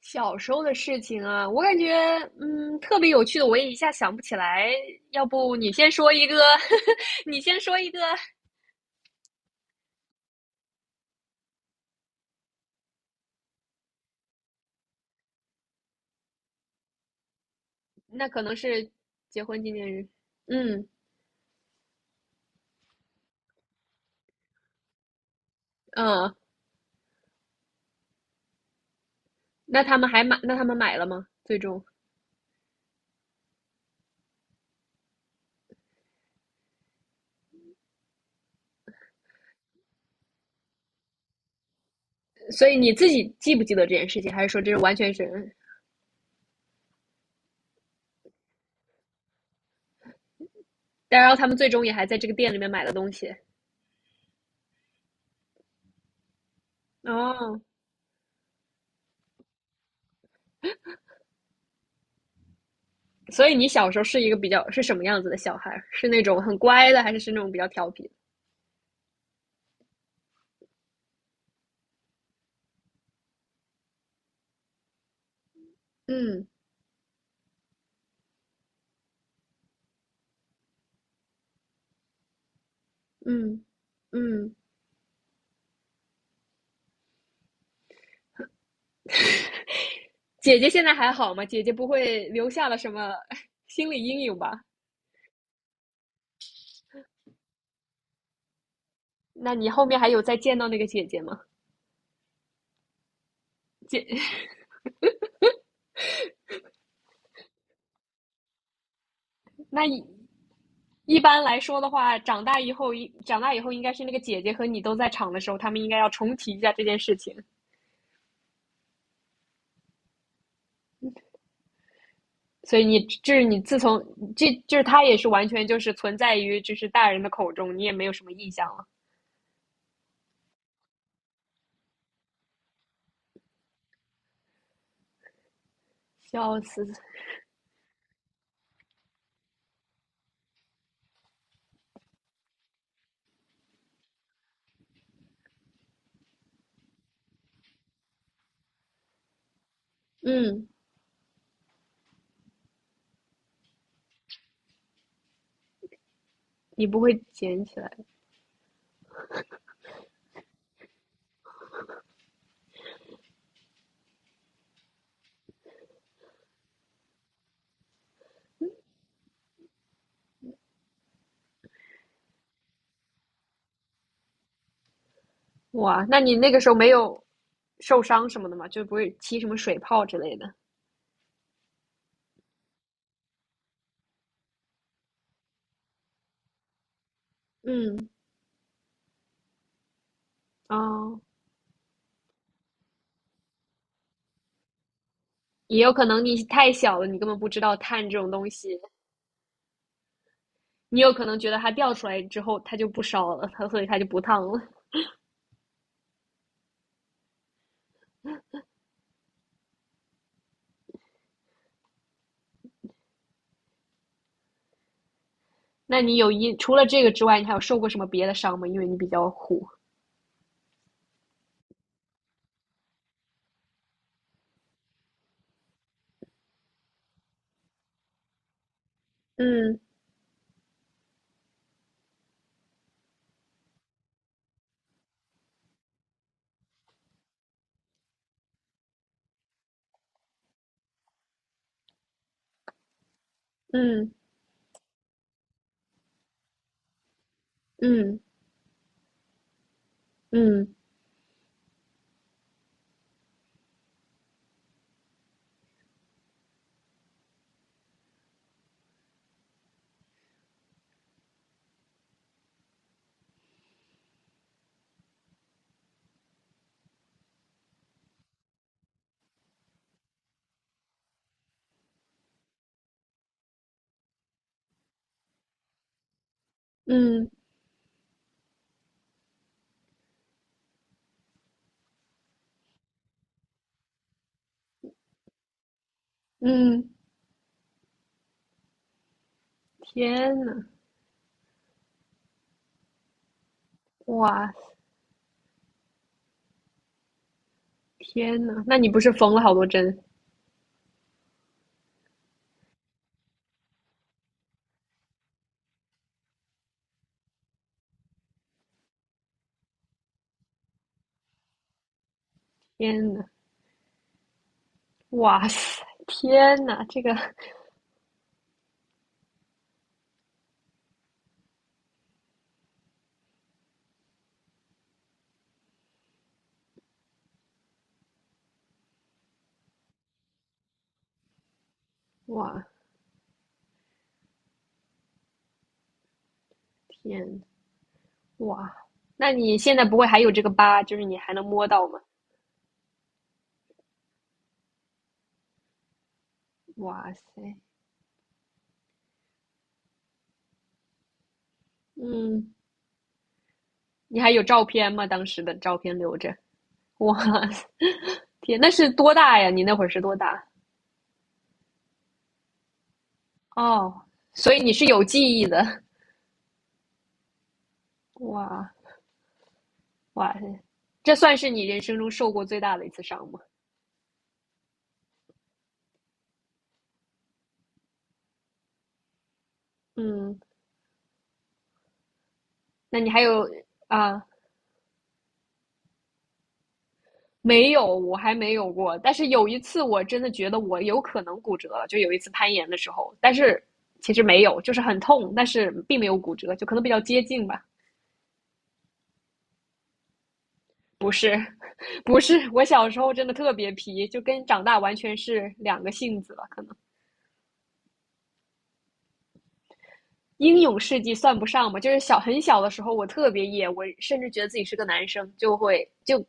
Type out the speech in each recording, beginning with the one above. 小时候的事情啊，我感觉特别有趣的，我也一下想不起来。要不你先说一个，你先说一个，那可能是结婚纪念日。嗯嗯，那他们买了吗？最终，所以你自己记不记得这件事情，还是说这是完全是？但然后他们最终也还在这个店里面买了东西。哦，所以你小时候是一个比较是什么样子的小孩儿？是那种很乖的，还是那种比较调皮的。嗯嗯嗯。姐姐现在还好吗？姐姐不会留下了什么 心理阴影吧？那你后面还有再见到那个姐姐吗？那一般来说的话，长大以后应该是那个姐姐和你都在场的时候，他们应该要重提一下这件事情。所以你就是你自从这就是他也是完全就是存在于就是大人的口中，你也没有什么印象了。笑死。嗯，你不会捡起来。哇？那你那个时候没有受伤什么的吗？就不会起什么水泡之类的？嗯。哦。也有可能你太小了，你根本不知道碳这种东西，你有可能觉得它掉出来之后它就不烧了，它所以它就不烫了。那你除了这个之外，你还有受过什么别的伤吗？因为你比较虎。嗯嗯嗯嗯嗯嗯。天呐，哇，天呐，那你不是缝了好多针？天呐，哇塞，天呐，这个，哇，天，哇，那你现在不会还有这个疤，就是你还能摸到吗？哇塞。嗯你还有照片吗？当时的照片留着。哇塞，天，那是多大呀？你那会儿是多大？哦，所以你是有记忆的。哇，哇塞，这算是你人生中受过最大的一次伤吗？嗯，那你还有啊？没有，我还没有过。但是有一次，我真的觉得我有可能骨折了，就有一次攀岩的时候，但是其实没有，就是很痛，但是并没有骨折，就可能比较接近吧。不是，不是，我小时候真的特别皮，就跟长大完全是两个性子了。可能英勇事迹算不上吧，就是很小的时候，我特别野，我甚至觉得自己是个男生，就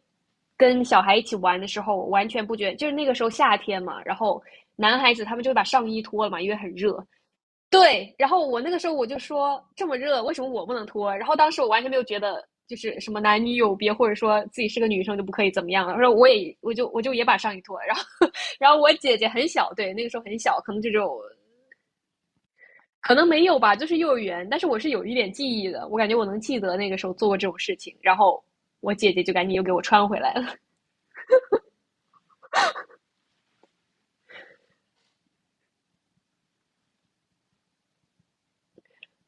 跟小孩一起玩的时候，我完全不觉得就是那个时候夏天嘛，然后男孩子他们就会把上衣脱了嘛，因为很热，对，然后我那个时候我就说这么热，为什么我不能脱？然后当时我完全没有觉得就是什么男女有别，或者说自己是个女生就不可以怎么样了。然后我就也把上衣脱了。然后我姐姐很小，对，那个时候很小，可能没有吧，就是幼儿园。但是我是有一点记忆的，我感觉我能记得那个时候做过这种事情。然后我姐姐就赶紧又给我穿回来了。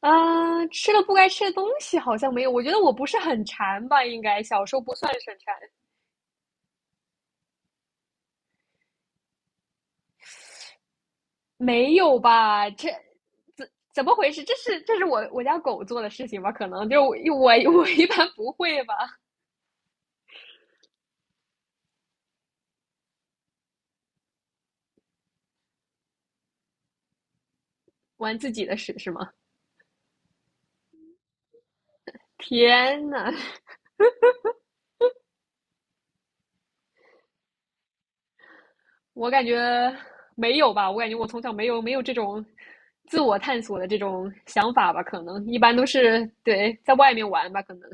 啊，吃了不该吃的东西好像没有，我觉得我不是很馋吧，应该小时候不算是很馋。没有吧？这怎怎么回事？这是我家狗做的事情吧？可能就我一般不会吧？玩自己的屎是吗？天呐，我感觉没有吧？我感觉我从小没有这种自我探索的这种想法吧？可能一般都是对在外面玩吧？可能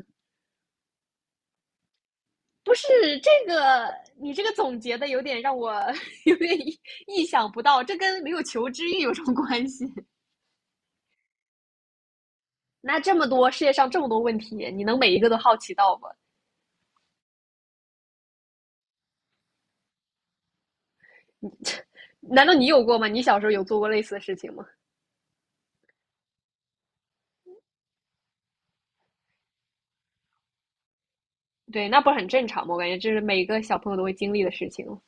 不是这个，你这个总结的有点让我 有点意想不到，这跟没有求知欲有什么关系？那这么多世界上这么多问题，你能每一个都好奇到吗？难道你有过吗？你小时候有做过类似的事情吗？对，那不是很正常吗？我感觉这是每个小朋友都会经历的事情。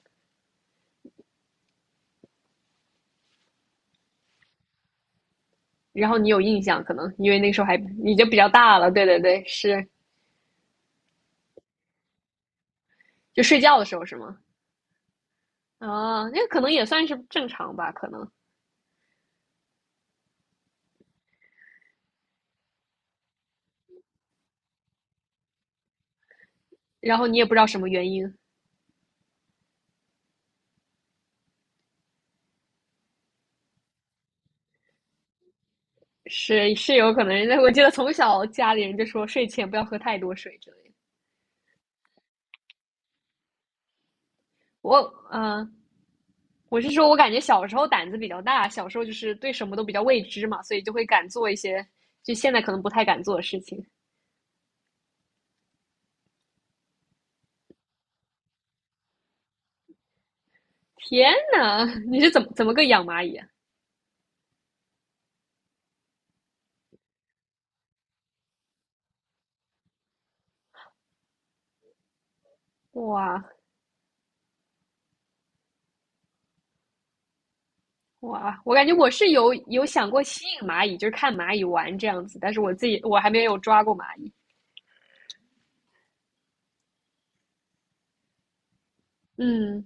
然后你有印象，可能因为那时候还你就比较大了。对对对。是，就睡觉的时候是吗？啊，那可能也算是正常吧，可能。然后你也不知道什么原因，是有可能。我记得从小家里人就说睡前不要喝太多水之类的。我嗯、呃我是说，我感觉小时候胆子比较大，小时候就是对什么都比较未知嘛，所以就会敢做一些就现在可能不太敢做的事情。天呐，你是怎么个养蚂蚁啊？哇，哇，我感觉我是有想过吸引蚂蚁，就是看蚂蚁玩这样子，但是我自己我还没有抓过蚂蚁。嗯，